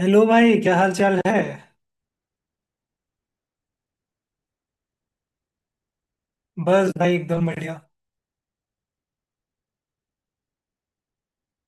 Hello भाई, क्या हाल चाल है। बस भाई, एकदम बढ़िया।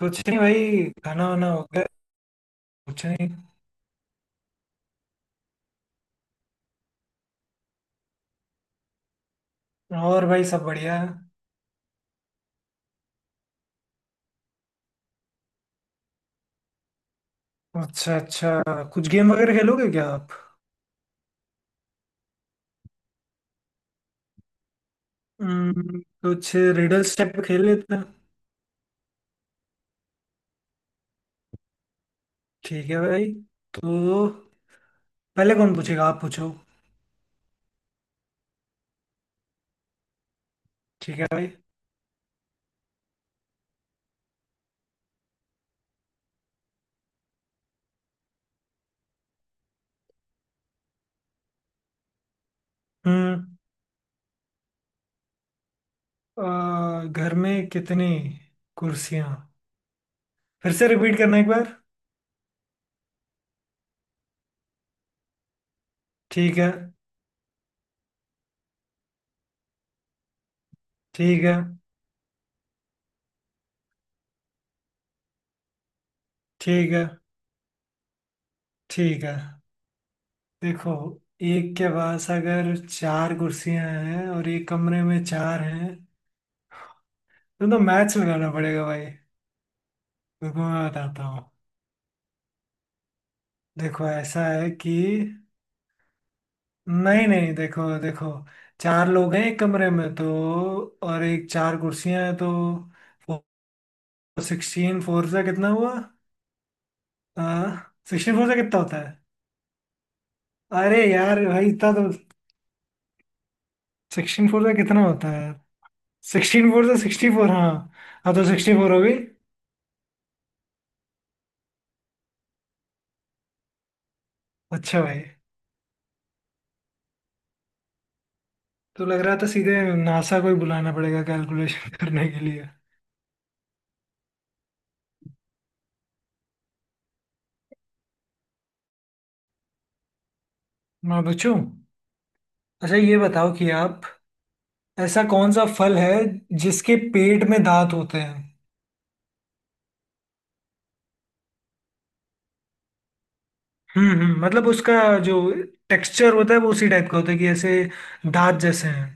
कुछ नहीं भाई, खाना वाना हो गया। कुछ नहीं। और भाई, सब बढ़िया है। अच्छा अच्छा। कुछ गेम वगैरह खेलोगे क्या आप? हम्म, कुछ रिडल्स टाइप खेल लेते हैं। ठीक है भाई। तो पहले कौन पूछेगा, आप पूछो। ठीक है भाई। हम्म। घर में कितनी कुर्सियां, फिर से रिपीट करना एक बार। ठीक है। ठीक है। ठीक है। ठीक है। देखो, एक के पास अगर चार कुर्सियां हैं और एक कमरे में चार हैं तो मैच लगाना पड़ेगा भाई। देखो मैं बताता हूँ। देखो ऐसा है कि नहीं नहीं, देखो देखो, चार लोग हैं एक कमरे में तो, और एक चार कुर्सियां हैं तो फोर। सिक्सटीन फोर से कितना हुआ? हाँ, सिक्सटीन फोर से कितना होता है? अरे यार भाई, इतना तो। सिक्सटीन फोर से कितना होता है? सिक्सटीन फोर से सिक्सटी फोर, हाँ। हाँ तो सिक्सटी फोर हो गई। अच्छा भाई। तो लग रहा था सीधे नासा को ही बुलाना पड़ेगा कैलकुलेशन करने के लिए। मैं पूछूं? अच्छा ये बताओ कि आप, ऐसा कौन सा फल है जिसके पेट में दांत होते हैं? हम्म, मतलब उसका जो टेक्सचर होता है वो उसी टाइप का होता है कि ऐसे दांत जैसे हैं।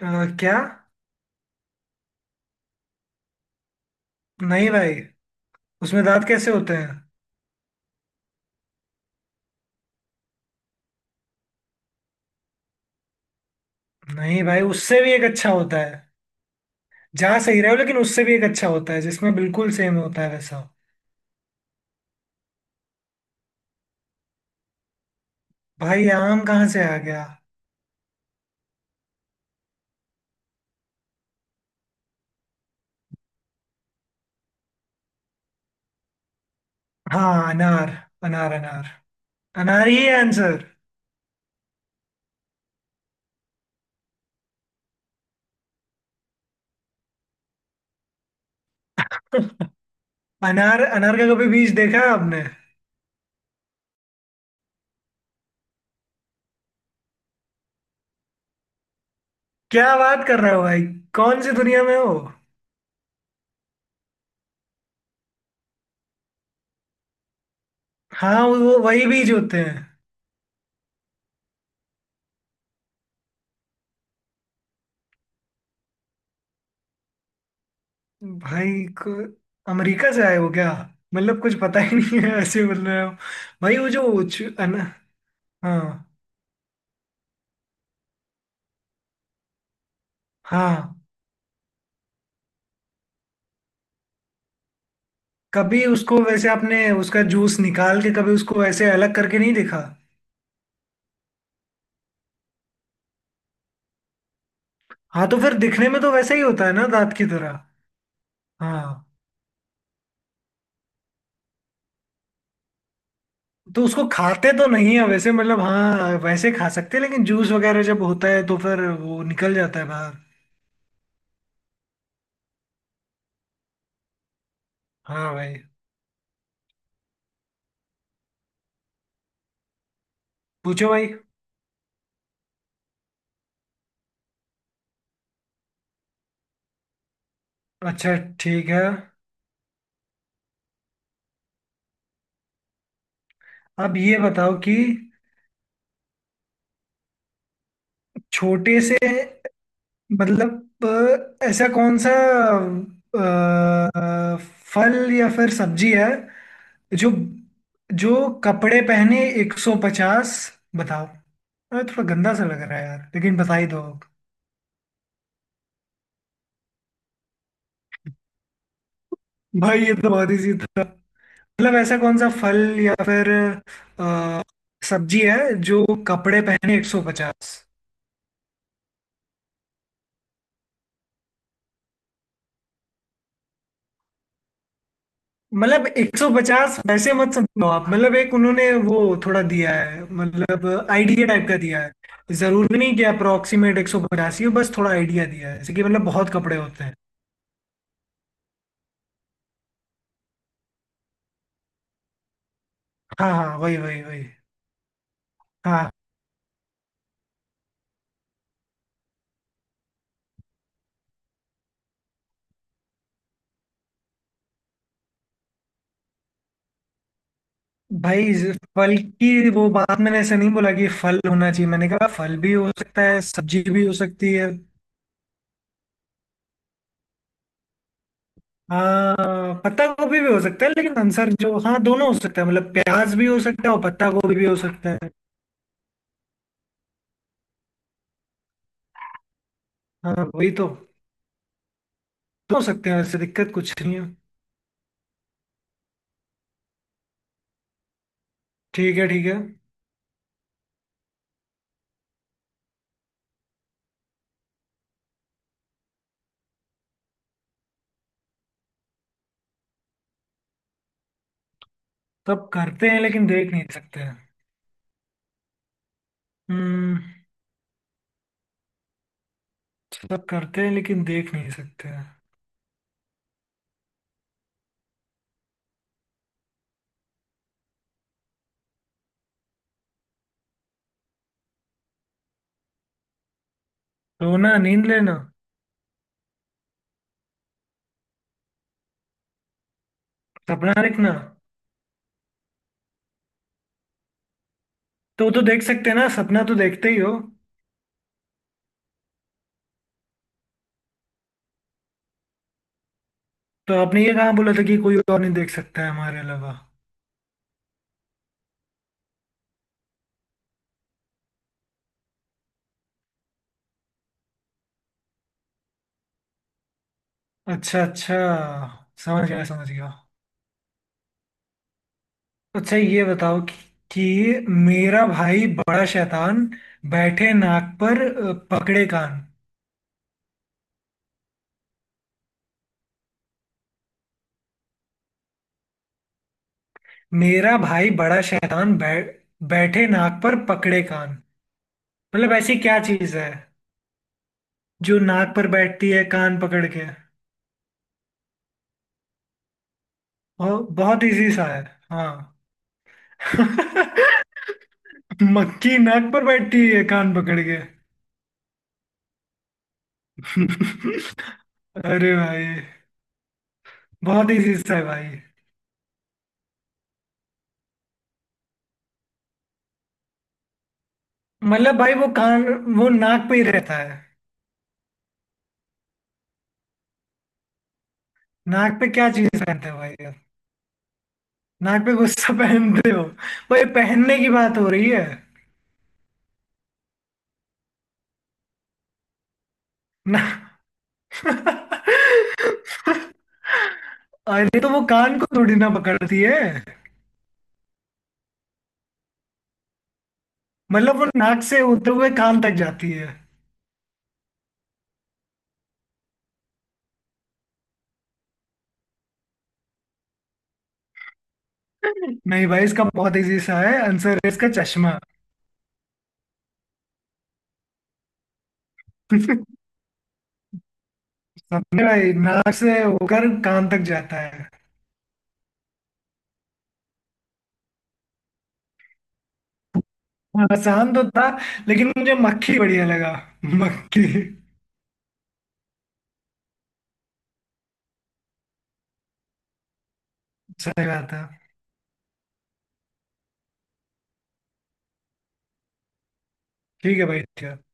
क्या? नहीं भाई, उसमें दांत कैसे होते हैं? नहीं भाई, उससे भी एक अच्छा होता है। जा सही रहे हो लेकिन उससे भी एक अच्छा होता है जिसमें बिल्कुल सेम होता है वैसा। भाई, आम कहाँ से आ गया? हाँ अनार। अनार अनार। अनार ही आंसर। अनार, अनार का कभी बीज देखा है आपने? क्या बात कर रहे हो भाई, कौन सी दुनिया में हो। हाँ, वो वही बीज होते हैं। भाई को अमेरिका से आए हो क्या, मतलब कुछ पता ही नहीं है ऐसे बोल रहे हो। भाई वो जो हाँ। हाँ। कभी उसको वैसे आपने उसका जूस निकाल के कभी उसको ऐसे अलग करके नहीं देखा? हाँ तो फिर दिखने में तो वैसे ही होता है ना दांत की तरह। हाँ। तो उसको खाते तो नहीं है वैसे, मतलब हाँ वैसे खा सकते हैं लेकिन जूस वगैरह जब होता है तो फिर वो निकल जाता है बाहर। हाँ भाई। पूछो भाई। अच्छा, ठीक है। अब ये बताओ कि, छोटे से मतलब, ऐसा कौन सा अ, फल या फिर सब्जी है जो जो कपड़े पहने 150। बताओ। अरे थोड़ा गंदा सा लग रहा है यार, लेकिन बता ही दो। भाई ये तो बहुत इजी था। मतलब ऐसा कौन सा फल या फिर अ, सब्जी है जो कपड़े पहने 150। मतलब 150 वैसे मत समझो आप, मतलब एक उन्होंने वो थोड़ा दिया है, मतलब आइडिया टाइप का दिया है, जरूरी नहीं कि अप्रोक्सीमेट 150 ही हो, बस थोड़ा आइडिया दिया है जैसे कि मतलब बहुत कपड़े होते हैं। हाँ हाँ, वही वही वही। हाँ। भाई फल की वो बात मैंने ऐसे नहीं बोला कि फल होना चाहिए, मैंने कहा फल भी हो सकता है सब्जी भी हो सकती है। हाँ पत्ता गोभी भी हो सकता है लेकिन आंसर जो, हाँ दोनों हो सकता है, मतलब प्याज भी हो सकता है और पत्ता गोभी भी हो सकता है। हाँ वही तो दो हो सकते हैं, वैसे दिक्कत कुछ नहीं है। ठीक है ठीक है। सब करते हैं लेकिन देख नहीं सकते हैं। हम्म सब करते हैं लेकिन देख नहीं सकते हैं। सोना, नींद लेना। सपना देखना। तो वो तो देख सकते हैं ना, सपना तो देखते ही हो। तो आपने ये कहाँ बोला था कि कोई और नहीं देख सकता है हमारे अलावा। अच्छा अच्छा, समझ गया समझ गया। अच्छा ये बताओ कि मेरा भाई बड़ा शैतान, बैठे नाक पर, पकड़े कान। मेरा भाई बड़ा शैतान बैठे नाक पर पकड़े कान। मतलब ऐसी क्या चीज है जो नाक पर बैठती है कान पकड़ के? और बहुत इजी सा है। हाँ। मक्खी नाक पर बैठती है कान पकड़ के। अरे भाई, बहुत इजी सा है भाई। मतलब भाई वो कान, वो नाक पे ही रहता है। नाक पे क्या चीज पहनते हो भाई यार? नाक पे गुस्सा पहनते हो? भाई पहनने की बात हो रही है ना। अरे तो वो कान को थोड़ी ना पकड़ती है। मतलब वो नाक से होते हुए कान तक जाती है। नहीं भाई, इसका बहुत इजी सा है आंसर, है इसका चश्मा। समझे भाई? नाक से होकर कान तक जाता है। आसान तो था, लेकिन मुझे मक्खी बढ़िया लगा। मक्खी। सही बात है। ठीक है भाई, ठीक है।